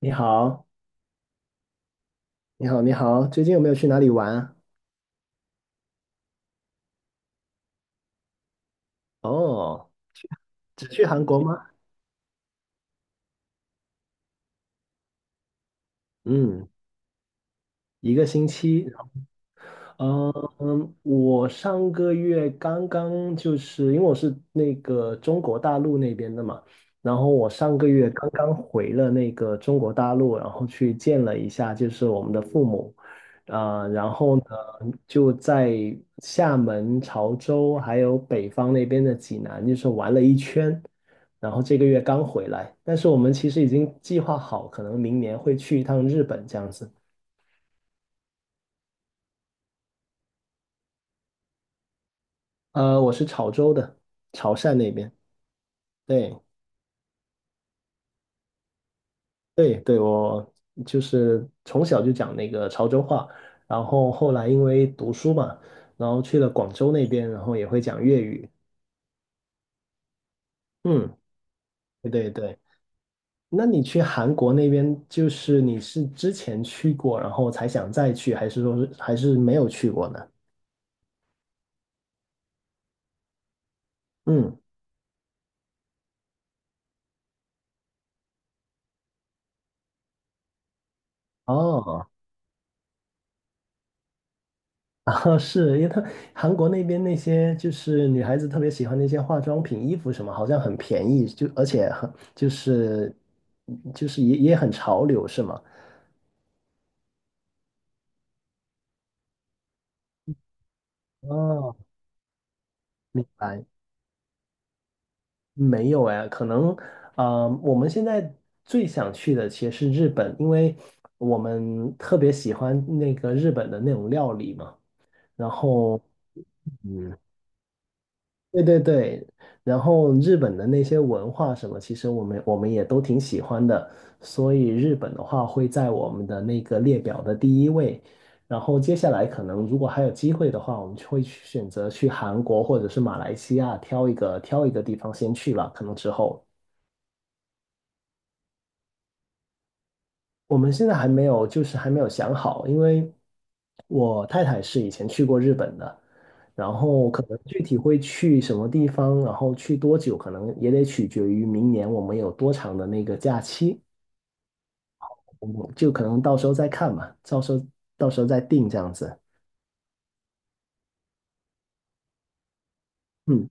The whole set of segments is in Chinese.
你好，你好，你好，最近有没有去哪里玩啊？哦，只去韩国吗？嗯，一个星期。嗯，我上个月刚刚因为我是那个中国大陆那边的嘛，然后我上个月刚刚回了那个中国大陆，然后去见了一下就是我们的父母。然后呢就在厦门、潮州还有北方那边的济南，就是玩了一圈，然后这个月刚回来，但是我们其实已经计划好，可能明年会去一趟日本这样子。我是潮州的，潮汕那边。对对对，我就是从小就讲那个潮州话，然后后来因为读书嘛，然后去了广州那边，然后也会讲粤语。嗯，对对对。那你去韩国那边，就是你是之前去过，然后才想再去，还是说是还是没有去过呢？嗯，哦。啊，是因为他韩国那边那些就是女孩子特别喜欢那些化妆品、衣服什么，好像很便宜，就而且很就是也很潮流，是吗？哦，明白。没有哎，可能啊、我们现在最想去的其实是日本，因为我们特别喜欢那个日本的那种料理嘛。然后，嗯，对对对，然后日本的那些文化什么，其实我们也都挺喜欢的，所以日本的话会在我们的那个列表的第一位。然后接下来可能如果还有机会的话，我们就会去选择去韩国或者是马来西亚挑一个地方先去了，可能之后我们现在还没有还没有想好，因为，我太太是以前去过日本的，然后可能具体会去什么地方，然后去多久，可能也得取决于明年我们有多长的那个假期，我们就可能到时候再看嘛，到时候再定这样子。嗯，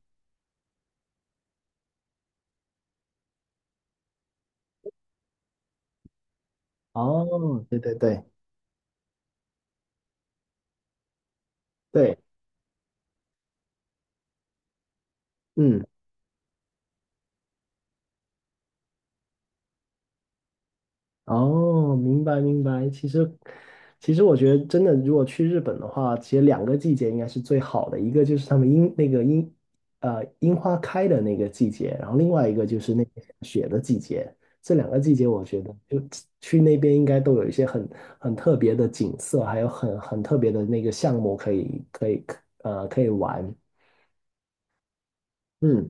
哦，对对对对，嗯。哦，明白明白。其实我觉得真的，如果去日本的话，其实两个季节应该是最好的，一个就是他们樱那个樱花开的那个季节，然后另外一个就是那个下雪的季节。这两个季节，我觉得就去那边应该都有一些很特别的景色，还有很特别的那个项目可以玩。嗯。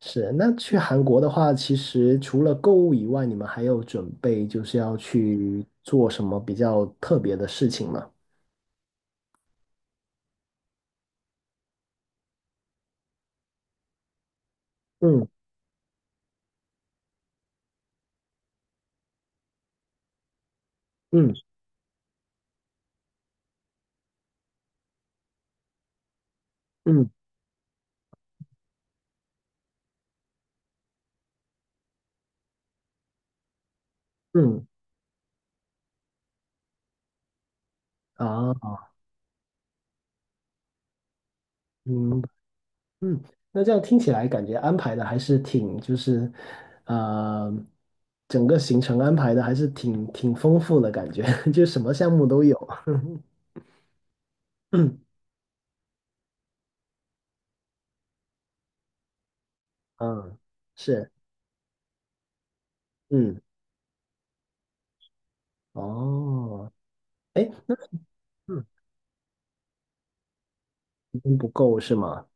是，那去韩国的话，其实除了购物以外，你们还有准备就是要去做什么比较特别的事情吗？嗯嗯嗯嗯啊嗯嗯，那这样听起来感觉安排的还是挺呃，整个行程安排的还是挺丰富的感觉，就什么项目都有。嗯，是，嗯，哦，哎，嗯，时间不够是吗？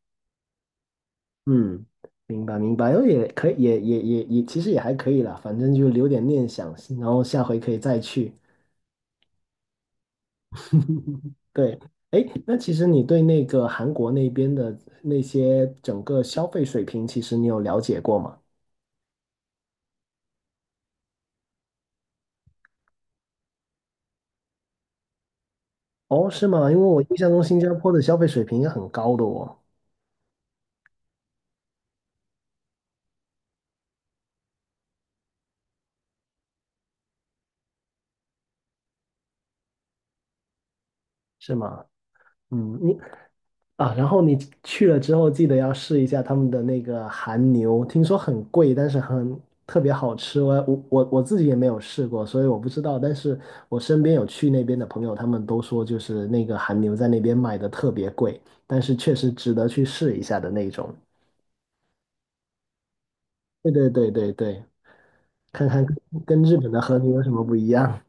嗯，明白明白，然后也可以，也，其实也还可以啦，反正就留点念想，然后下回可以再去。对，哎，那其实你对那个韩国那边的那些整个消费水平，其实你有了解过吗？哦，是吗？因为我印象中新加坡的消费水平也很高的哦，是吗？嗯，你啊，然后你去了之后，记得要试一下他们的那个韩牛，听说很贵，但是很特别好吃。我自己也没有试过，所以我不知道。但是我身边有去那边的朋友，他们都说就是那个韩牛在那边卖的特别贵，但是确实值得去试一下的那种。对对对对对，看看跟日本的和牛有什么不一样。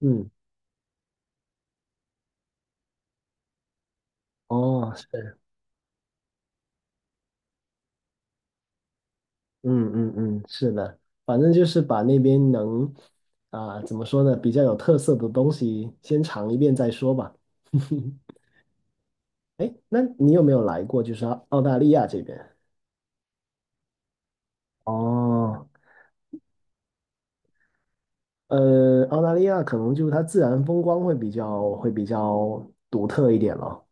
嗯，哦，是。嗯嗯嗯，是的，反正就是把那边能啊、怎么说呢，比较有特色的东西先尝一遍再说吧。哎，那你有没有来过就是澳大利亚这边？哦，呃，澳大利亚可能就是它自然风光会会比较独特一点了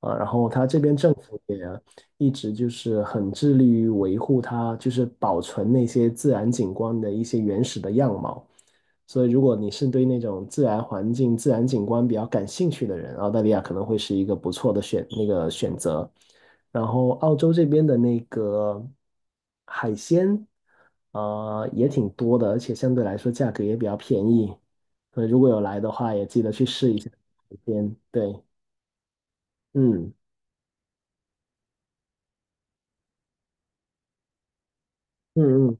啊，然后它这边政府也一直就是很致力于维护它，就是保存那些自然景观的一些原始的样貌。所以，如果你是对那种自然环境、自然景观比较感兴趣的人，澳大利亚可能会是一个不错的那个选择。然后澳洲这边的那个海鲜，呃，也挺多的，而且相对来说价格也比较便宜，所以如果有来的话，也记得去试一下海鲜。对，嗯嗯嗯。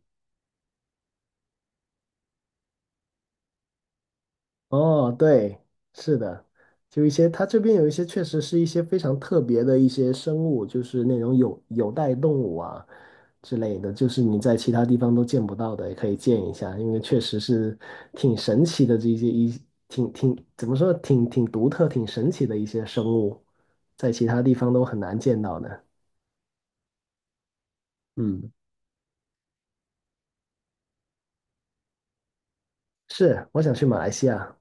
哦，对，是的，就一些，它这边有一些确实是一些非常特别的一些生物，就是那种有袋动物啊之类的，就是你在其他地方都见不到的，也可以见一下，因为确实是挺神奇的这些一挺怎么说，挺独特、挺神奇的一些生物，在其他地方都很难见到的。嗯，是，我想去马来西亚。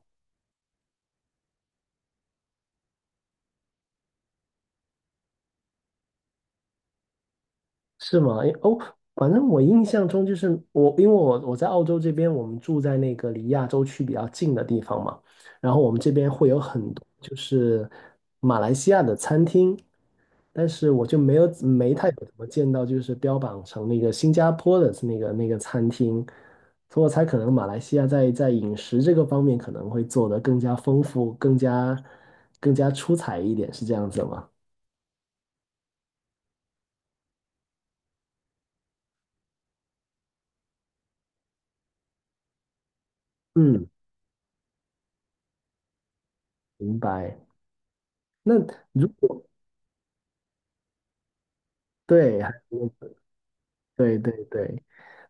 是吗？诶哦，反正我印象中就是我，因为我在澳洲这边，我们住在那个离亚洲区比较近的地方嘛，然后我们这边会有很多就是马来西亚的餐厅，但是我就没太有怎么见到就是标榜成那个新加坡的那个餐厅，所以我猜可能马来西亚在饮食这个方面可能会做得更加丰富，更加出彩一点，是这样子吗？嗯，明白。那如果对，还有对对对。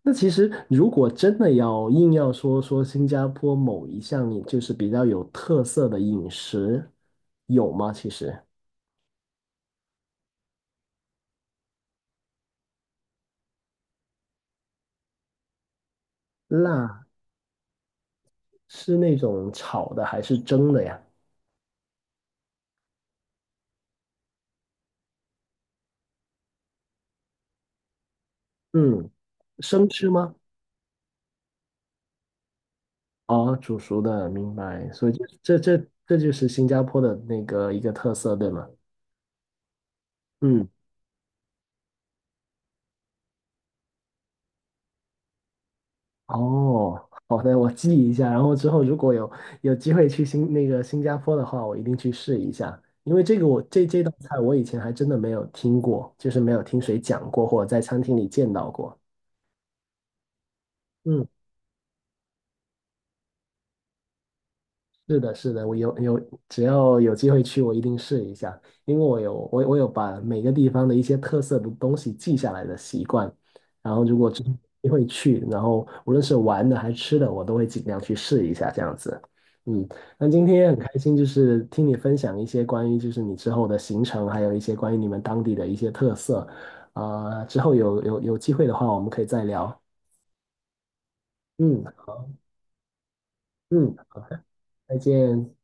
那其实如果真的要硬要说说新加坡某一项饮就是比较有特色的饮食，有吗？其实辣是那种炒的还是蒸的呀？嗯，生吃吗？哦，煮熟的，明白。所以这就是新加坡的那个一个特色，对吗？嗯。哦，好的，我记一下，然后之后如果有有机会去新那个新加坡的话，我一定去试一下，因为这个这道菜我以前还真的没有听过，就是没有听谁讲过或者在餐厅里见到过。嗯。是的，是的，有，只要有机会去，我一定试一下，因为我有把每个地方的一些特色的东西记下来的习惯，然后如果真的有机会去，然后无论是玩的还是吃的，我都会尽量去试一下这样子。嗯，那今天很开心，就是听你分享一些关于就是你之后的行程，还有一些关于你们当地的一些特色，啊、之后有机会的话，我们可以再聊。嗯嗯，再见。